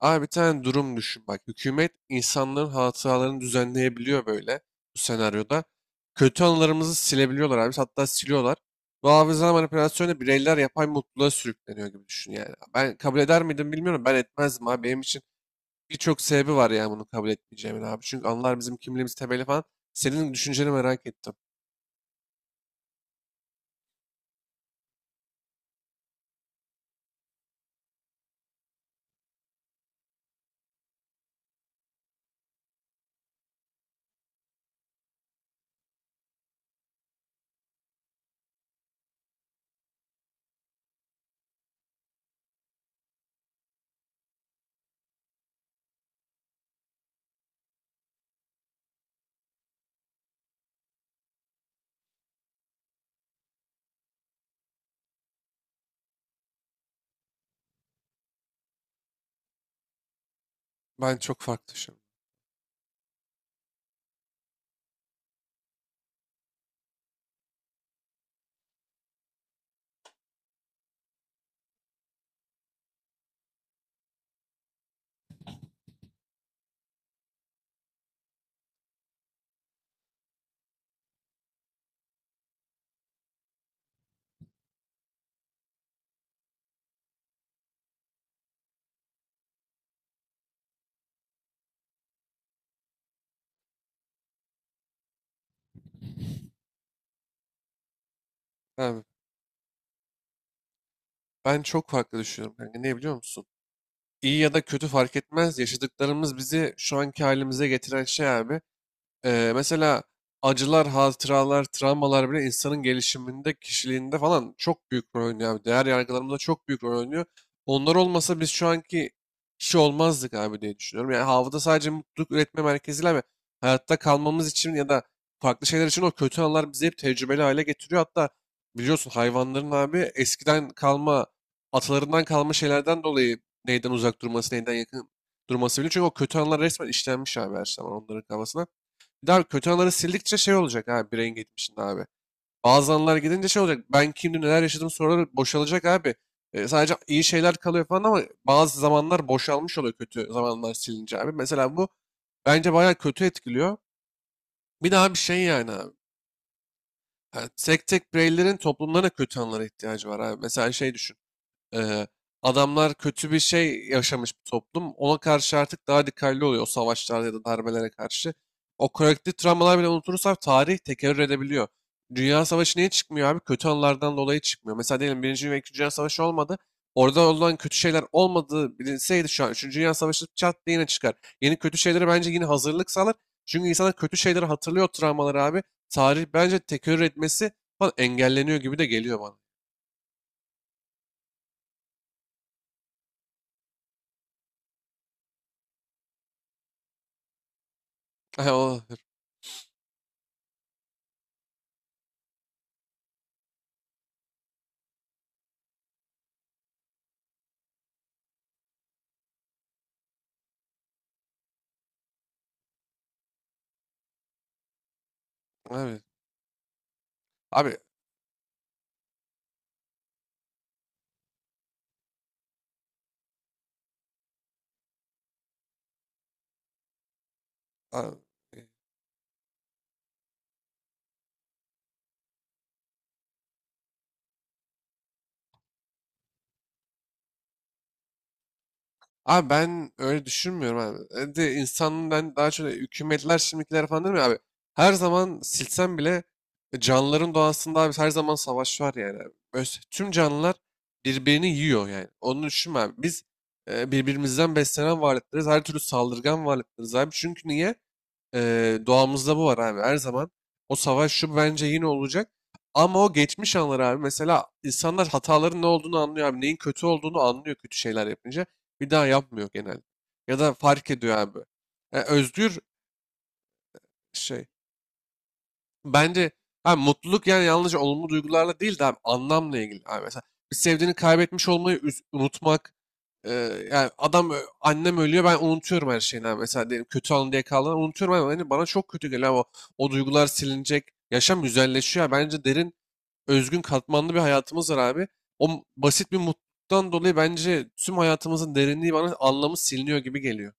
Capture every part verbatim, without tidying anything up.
Abi bir tane durum düşün bak. Hükümet insanların hatalarını düzenleyebiliyor böyle bu senaryoda. Kötü anılarımızı silebiliyorlar abi. Hatta siliyorlar. Bu hafıza manipülasyonu bireyler yapay mutluluğa sürükleniyor gibi düşün yani. Ben kabul eder miydim bilmiyorum. Ben etmezdim abi. Benim için birçok sebebi var yani bunu kabul etmeyeceğimin abi. Çünkü anılar bizim kimliğimiz temeli falan. Senin düşünceni merak ettim. Ben çok farklı düşünüyorum. Abi, ben çok farklı düşünüyorum kanka. Ne biliyor musun? İyi ya da kötü fark etmez. Yaşadıklarımız bizi şu anki halimize getiren şey abi. Ee, mesela acılar, hatıralar, travmalar bile insanın gelişiminde, kişiliğinde falan çok büyük rol oynuyor abi. Değer yargılarımızda çok büyük rol oynuyor. Onlar olmasa biz şu anki kişi olmazdık abi diye düşünüyorum. Yani havada sadece mutluluk üretme merkeziyle ve hayatta kalmamız için ya da farklı şeyler için o kötü anlar bizi hep tecrübeli hale getiriyor. Hatta biliyorsun hayvanların abi eskiden kalma, atalarından kalma şeylerden dolayı neyden uzak durması, neyden yakın durması bile. Çünkü o kötü anlar resmen işlenmiş abi her zaman onların kafasına. Bir daha kötü anıları sildikçe şey olacak abi bireyin geçmişinde abi. Bazı anılar gidince şey olacak. Ben kimdim neler yaşadım soruları boşalacak abi. E, sadece iyi şeyler kalıyor falan ama bazı zamanlar boşalmış oluyor kötü zamanlar silince abi. Mesela bu bence bayağı kötü etkiliyor. Bir daha bir şey yani abi. Yani tek tek bireylerin toplumlarına kötü anılara ihtiyacı var abi. Mesela şey düşün. Ee, adamlar kötü bir şey yaşamış bir toplum. Ona karşı artık daha dikkatli oluyor o savaşlarda ya da darbelere karşı. O kolektif travmalar bile unutursak tarih tekerrür edebiliyor. Dünya Savaşı niye çıkmıyor abi? Kötü anılardan dolayı çıkmıyor. Mesela diyelim Birinci ve İkinci Dünya Savaşı olmadı. Orada olan kötü şeyler olmadığı bilinseydi şu an Üçüncü Dünya Savaşı çat diye yine çıkar. Yeni kötü şeylere bence yine hazırlık sağlar. Çünkü insanlar kötü şeyleri hatırlıyor o travmaları abi. Tarih bence tekerrür etmesi falan engelleniyor gibi de geliyor bana. Abi, abi Abi, abi ben öyle düşünmüyorum abi. E De insanın ben daha çok hükümetler şimdikiler falan değil mi abi? Her zaman silsem bile e, canlıların doğasında abi her zaman savaş var yani abi. Öz- Tüm canlılar birbirini yiyor yani. Onu düşünme abi. Biz e, birbirimizden beslenen varlıklarız. Her türlü saldırgan varlıklarız abi. Çünkü niye? Eee, doğamızda bu var abi. Her zaman o savaş şu bence yine olacak. Ama o geçmiş anlar abi. Mesela insanlar hataların ne olduğunu anlıyor abi. Neyin kötü olduğunu anlıyor kötü şeyler yapınca. Bir daha yapmıyor genelde. Ya da fark ediyor abi. E, özgür şey. Bence abi mutluluk yani yalnızca olumlu duygularla değil de abi anlamla ilgili. Abi mesela bir sevdiğini kaybetmiş olmayı üz- unutmak. Eee, yani adam ö- annem ölüyor ben unutuyorum her şeyini abi. Mesela diyelim kötü anı diye kaldığını unutuyorum ama hani bana çok kötü geliyor abi. o, o duygular silinecek. Yaşam güzelleşiyor, abi. Bence derin, özgün, katmanlı bir hayatımız var abi. O m- basit bir mutluluktan dolayı bence tüm hayatımızın derinliği bana anlamı siliniyor gibi geliyor.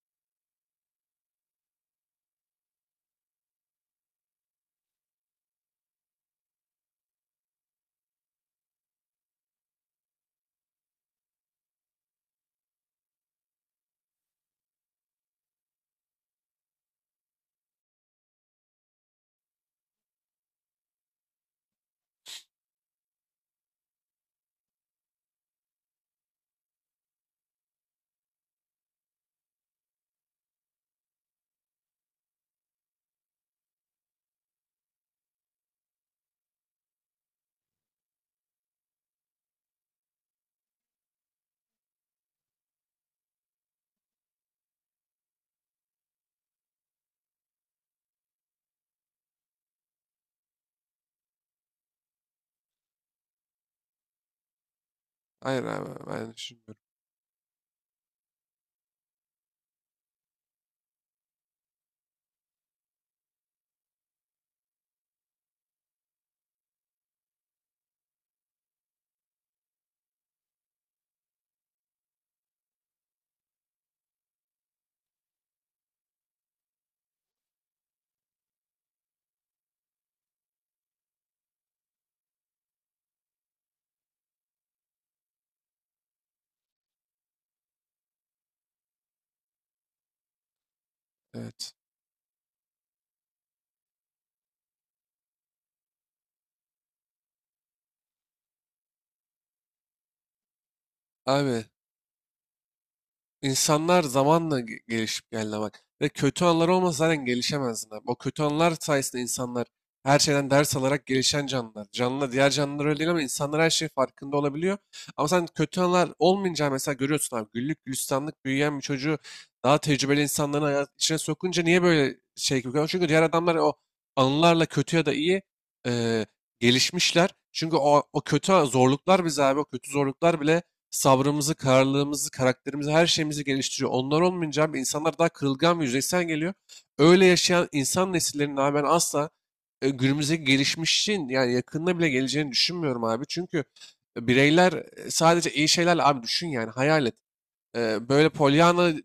Hayır abi ben düşünmüyorum. Evet. Abi İnsanlar zamanla ge- gelişip geldi bak. Ve kötü anlar olmasa zaten gelişemezdin abi. O kötü anlar sayesinde insanlar her şeyden ders alarak gelişen canlılar. Canlı diğer canlılar öyle değil ama insanlar her şeyin farkında olabiliyor. Ama sen kötü anlar olmayınca mesela görüyorsun abi güllük gülistanlık büyüyen bir çocuğu daha tecrübeli insanların hayat içine sokunca niye böyle şey gibi görüyorsun? Çünkü diğer adamlar o anılarla kötü ya da iyi eee, gelişmişler. Çünkü o, o kötü zorluklar bize abi o kötü zorluklar bile sabrımızı, kararlılığımızı, karakterimizi, her şeyimizi geliştiriyor. Onlar olmayınca abi insanlar daha kırılgan ve yüzeysel geliyor. Öyle yaşayan insan nesillerinin abi ben asla e, günümüzdeki gelişmişin yani yakında bile geleceğini düşünmüyorum abi. Çünkü bireyler e, sadece iyi şeylerle abi düşün yani hayal et. E, Böyle polyanacı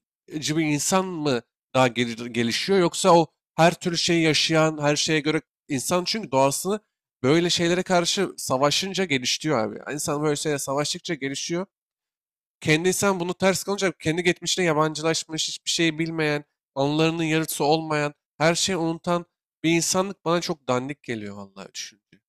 bir insan mı daha gel- gelişiyor yoksa o her türlü şeyi yaşayan, her şeye göre insan çünkü doğasını böyle şeylere karşı savaşınca gelişiyor abi. İnsan böyle şeylere savaştıkça gelişiyor. Kendi insan bunu ters kalınca kendi geçmişine yabancılaşmış, hiçbir şey bilmeyen, anılarının yarısı olmayan, her şeyi unutan bir insanlık bana çok dandik geliyor vallahi düşünce.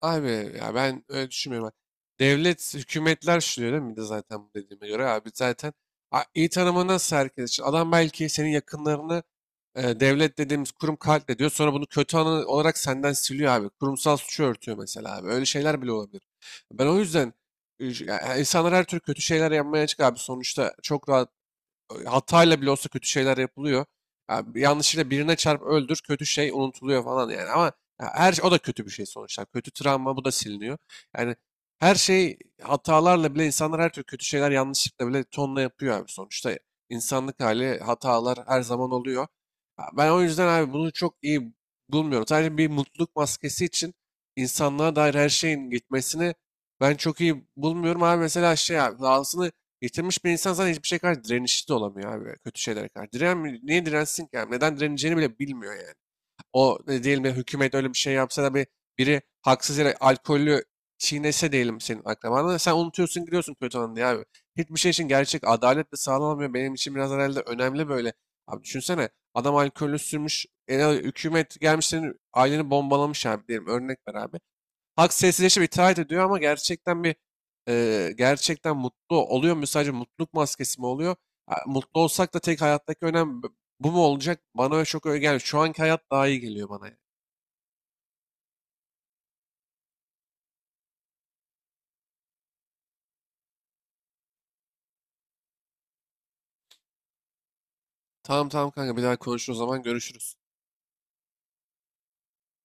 Abi ya ben öyle düşünmüyorum. Devlet, hükümetler şu diyor değil mi? Bir de zaten bu dediğime göre abi zaten a- iyi tanımı nasıl herkes için? Adam belki senin yakınlarını. E, devlet dediğimiz kurum katle diyor. Sonra bunu kötü anı olarak senden siliyor abi. Kurumsal suçu örtüyor mesela abi. Öyle şeyler bile olabilir. Ben o yüzden e, ya insanlar her türlü kötü şeyler yapmaya açık abi. Sonuçta çok rahat e, hatayla bile olsa kötü şeyler yapılıyor. Ya bir yanlışıyla birine çarp öldür kötü şey unutuluyor falan yani ama ya her şey, o da kötü bir şey sonuçta. Kötü travma bu da siliniyor. Yani her şey hatalarla bile insanlar her türlü kötü şeyler yanlışlıkla bile tonla yapıyor abi sonuçta. İnsanlık hali hatalar her zaman oluyor. Ya ben o yüzden abi bunu çok iyi bulmuyorum. Sadece bir mutluluk maskesi için insanlığa dair her şeyin gitmesini ben çok iyi bulmuyorum abi. Mesela şey abi, dahasını yitirmiş bir insan zaten hiçbir şey karşı direnişli de olamıyor abi. Kötü şeylere karşı. Diren, niye dirensin ki abi? Neden direneceğini bile bilmiyor yani. O ne diyelim ya hükümet öyle bir şey yapsa da bir biri haksız yere alkollü çiğnese diyelim senin akrabanı. Sen unutuyorsun gidiyorsun kötü anı diye abi. Hiçbir şey için gerçek adalet de sağlanamıyor. Benim için biraz herhalde önemli böyle. Abi düşünsene adam alkollü sürmüş. E, hükümet gelmiş senin aileni bombalamış abi diyelim. Örnek ver abi. Halk sessizleşip itaat ediyor ama gerçekten bir e, gerçekten mutlu oluyor mu? Sadece mutluluk maskesi mi oluyor? Ha, mutlu olsak da tek hayattaki önem b- bu mu olacak? Bana öyle çok öyle gelmiyor. Şu anki hayat daha iyi geliyor bana, yani. Tamam, tamam kanka bir daha konuşuruz o zaman görüşürüz.